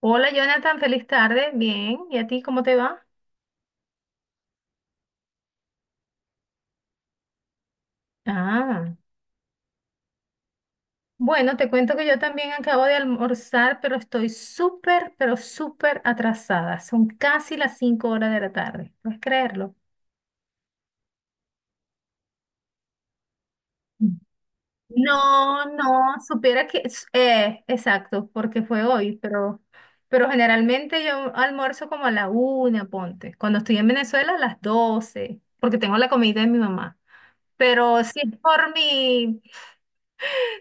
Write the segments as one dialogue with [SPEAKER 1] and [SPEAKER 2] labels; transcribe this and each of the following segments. [SPEAKER 1] Hola Jonathan, feliz tarde. Bien, ¿y a ti cómo te va? Ah, bueno, te cuento que yo también acabo de almorzar, pero estoy súper, pero súper atrasada. Son casi las 5 horas de la tarde, ¿puedes creerlo? Mm. No, no, supiera que, exacto, porque fue hoy, pero generalmente yo almuerzo como a la una, ponte. Cuando estoy en Venezuela a las 12 porque tengo la comida de mi mamá. Pero si es por mí,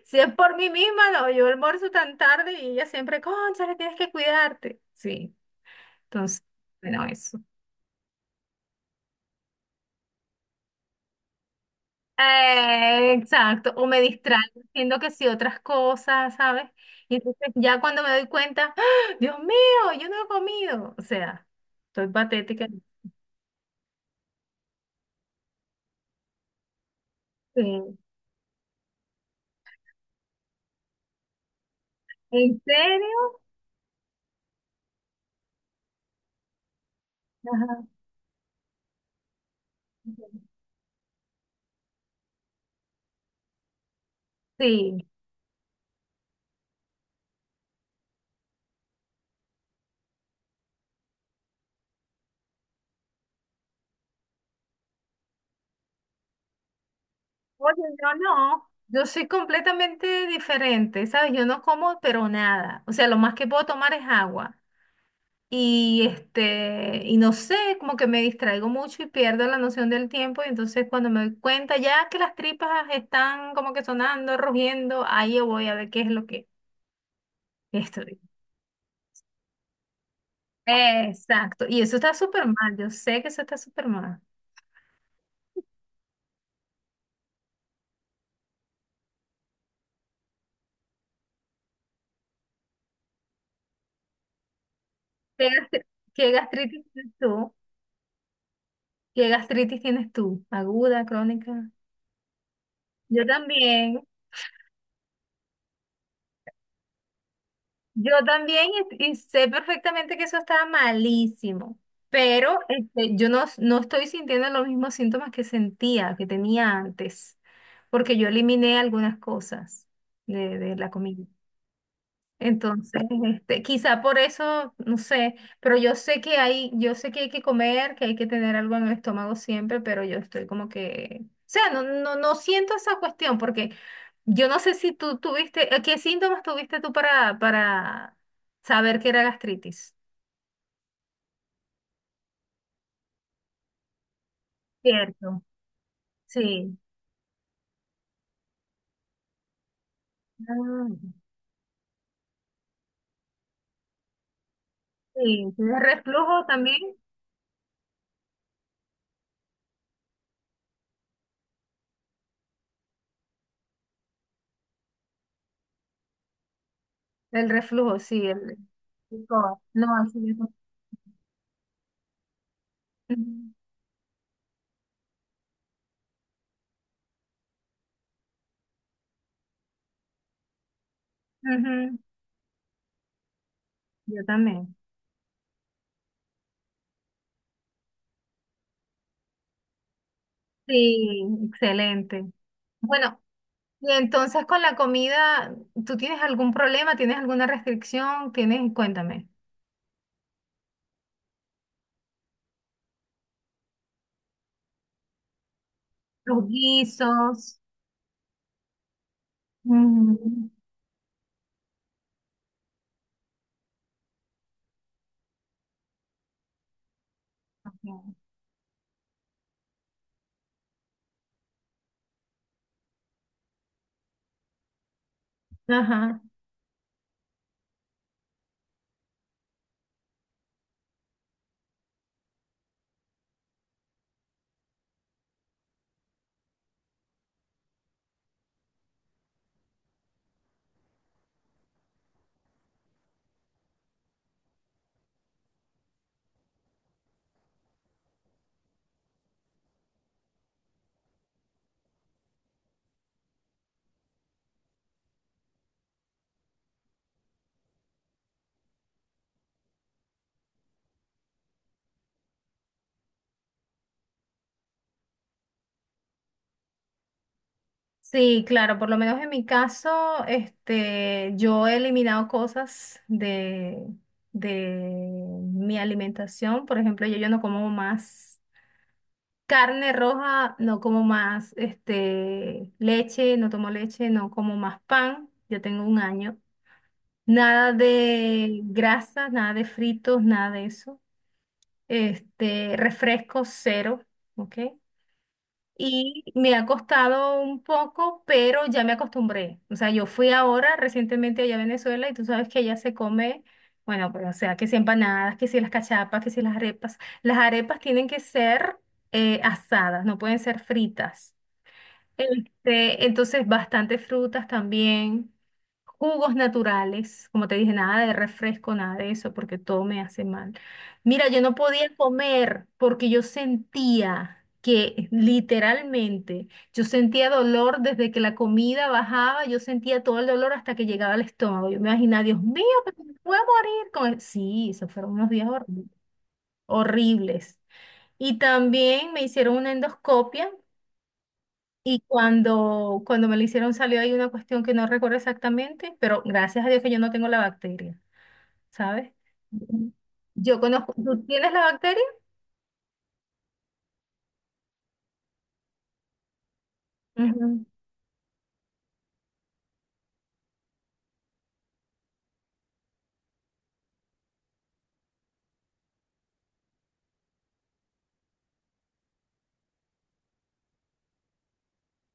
[SPEAKER 1] si es por mí misma, no, yo almuerzo tan tarde y ella siempre, cónchale, tienes que cuidarte. Sí, entonces, bueno, eso. Exacto, o me distraigo diciendo que sí otras cosas, ¿sabes? Y entonces ya cuando me doy cuenta, ¡ah! Dios mío, yo no he comido. O sea, estoy patética. Sí. ¿En serio? Ajá. Sí. Oye, yo no, yo soy completamente diferente, ¿sabes? Yo no como, pero nada. O sea, lo más que puedo tomar es agua. Y no sé, como que me distraigo mucho y pierdo la noción del tiempo. Y entonces cuando me doy cuenta ya que las tripas están como que sonando, rugiendo, ahí yo voy a ver qué es lo que estoy. Exacto. Y eso está súper mal. Yo sé que eso está súper mal. ¿Qué gastri- ¿qué gastritis tienes tú? ¿Qué gastritis tienes tú? ¿Aguda, crónica? Yo también. Yo también y sé perfectamente que eso estaba malísimo, pero este, yo no, no estoy sintiendo los mismos síntomas que sentía, que tenía antes, porque yo eliminé algunas cosas de la comida. Entonces, este, quizá por eso, no sé, pero yo sé que hay, yo sé que hay que comer, que hay que tener algo en el estómago siempre, pero yo estoy como que, o sea, no, no, no siento esa cuestión porque yo no sé si tú tuviste, ¿qué síntomas tuviste tú para saber que era gastritis? Cierto, sí. Ah, sí, ¿tienes reflujo también? El reflujo, sí, el coa. No, así yo. Ujú, ujú, yo también. Sí, excelente. Bueno, y entonces con la comida, ¿tú tienes algún problema? ¿Tienes alguna restricción? ¿Tienes, cuéntame, los guisos? Mm, ok. Ajá. Sí, claro, por lo menos en mi caso, este, yo he eliminado cosas de mi alimentación. Por ejemplo, yo no como más. Carne roja, no como más, este, leche, no tomo leche, no como más pan, ya tengo un año. Nada de grasas, nada de fritos, nada de eso. Este, refresco cero, ¿ok? Y me ha costado un poco, pero ya me acostumbré. O sea, yo fui ahora recientemente allá a Venezuela y tú sabes que allá se come, bueno, pues, o sea, que si empanadas, que si las cachapas, que si las arepas. Las arepas tienen que ser asadas, no pueden ser fritas. Este, entonces, bastante frutas también, jugos naturales, como te dije, nada de refresco, nada de eso, porque todo me hace mal. Mira, yo no podía comer porque yo sentía que literalmente, yo sentía dolor desde que la comida bajaba, yo sentía todo el dolor hasta que llegaba al estómago. Yo me imaginaba, Dios mío, pero me voy a morir. Con el-". Sí, esos fueron unos días horribles. Horribles. Y también me hicieron una endoscopia y cuando me lo hicieron salió ahí una cuestión que no recuerdo exactamente, pero gracias a Dios que yo no tengo la bacteria, ¿sabes? Ujú. Yo conozco, ¿tú tienes la bacteria? Ujú,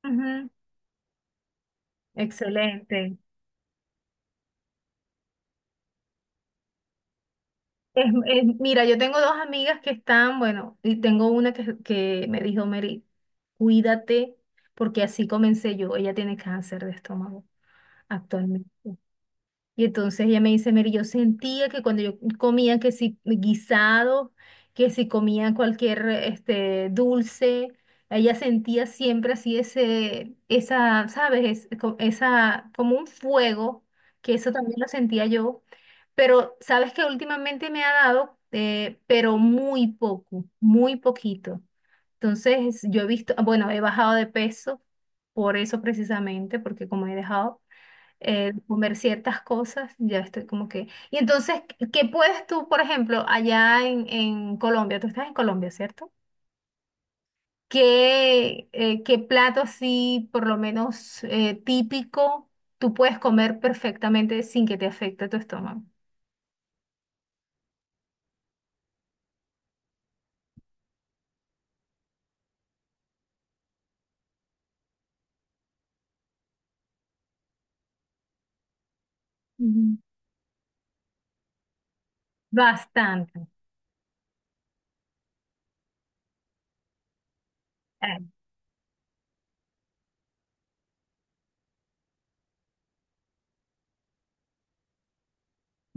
[SPEAKER 1] ujú. Excelente. Mira, yo tengo dos amigas que están, bueno, y tengo una que me dijo, Mary, cuídate, porque así comencé yo. Ella tiene cáncer de estómago actualmente. Y entonces ella me dice, Mary, yo sentía que cuando yo comía que si guisado, que si comía cualquier este dulce, ella sentía siempre así ese, esa, ¿sabes? Esa, como un fuego, que eso también lo sentía yo. Pero sabes que últimamente me ha dado, pero muy poco, muy poquito. Entonces yo he visto, ah, bueno, he bajado de peso por eso precisamente, porque como he dejado comer ciertas cosas, ya estoy como que... Y entonces, ¿qué puedes tú, por ejemplo, allá en Colombia? Tú estás en Colombia, ¿cierto? ¿Qué, qué plato así, por lo menos típico, tú puedes comer perfectamente sin que te afecte tu estómago? Ujú. Bastante. Eh,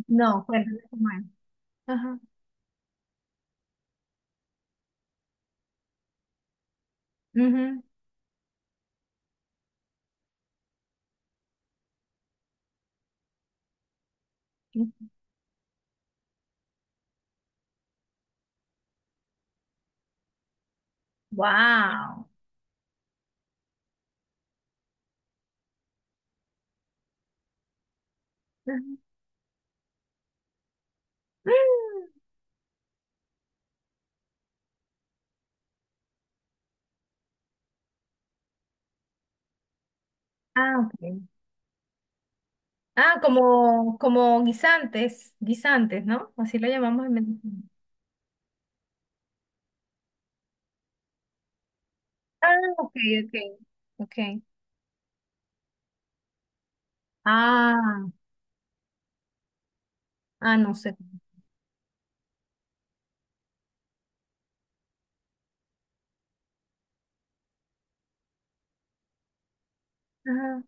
[SPEAKER 1] no, cuéntame cómo es. Ajá. Wow. Ah, ok. Ah, como, como guisantes, guisantes, ¿no? Así lo llamamos en Venezuela. Ah, ok, ok, ok. Ah, ah, no sé. Ajá.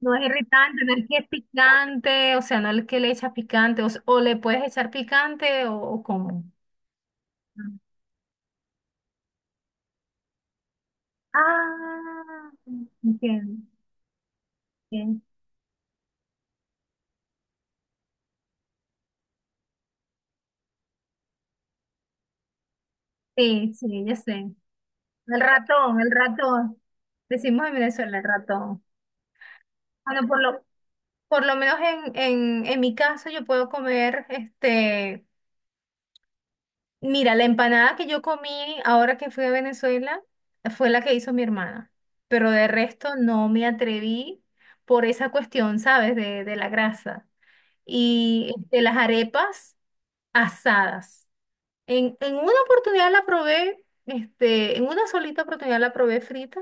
[SPEAKER 1] No es irritante, no es que es picante, o sea, no es que le echas picante, o le puedes echar picante o cómo. Ah, entiendo. Entiendo. Sí, sí, ya sé. El ratón, el ratón. Decimos en Venezuela el ratón. Bueno, por lo, Por lo menos en mi caso yo puedo comer, este, mira, la empanada que yo comí ahora que fui a Venezuela fue la que hizo mi hermana, pero de resto no me atreví por esa cuestión, ¿sabes? De la grasa y de las arepas asadas. En una oportunidad la probé, este, en una solita oportunidad la probé frita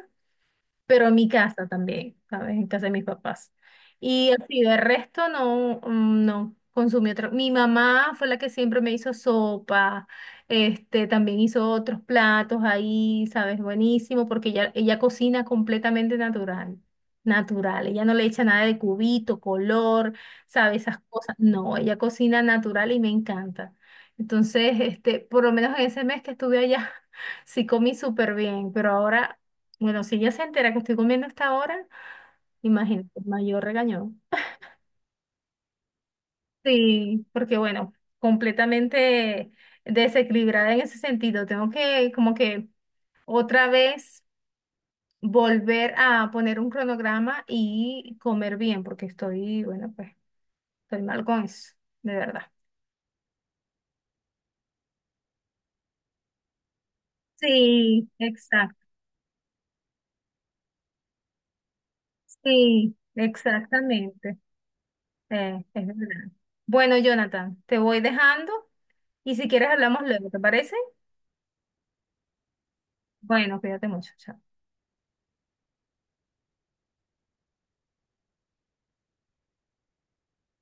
[SPEAKER 1] pero en mi casa también, ¿sabes? En casa de mis papás. Y así, de resto no, mm, no consumí otro. Mi mamá fue la que siempre me hizo sopa, este, también hizo otros platos ahí, ¿sabes? Buenísimo, porque ella cocina completamente natural. Natural, ella no le echa nada de cubito, color, sabe, esas cosas. No, ella cocina natural y me encanta. Entonces, este, por lo menos en ese mes que estuve allá, sí comí súper bien, pero ahora bueno, si ella se entera que estoy comiendo hasta ahora, imagínate, mayor regañón. Sí, porque bueno, completamente desequilibrada en ese sentido. Tengo que como que otra vez volver a poner un cronograma y comer bien, porque estoy, bueno, pues estoy mal con eso, de verdad. Sí, exacto. Sí, exactamente. Es verdad. Bueno, Jonathan, te voy dejando y si quieres hablamos luego, ¿te parece? Bueno, cuídate mucho. Chao.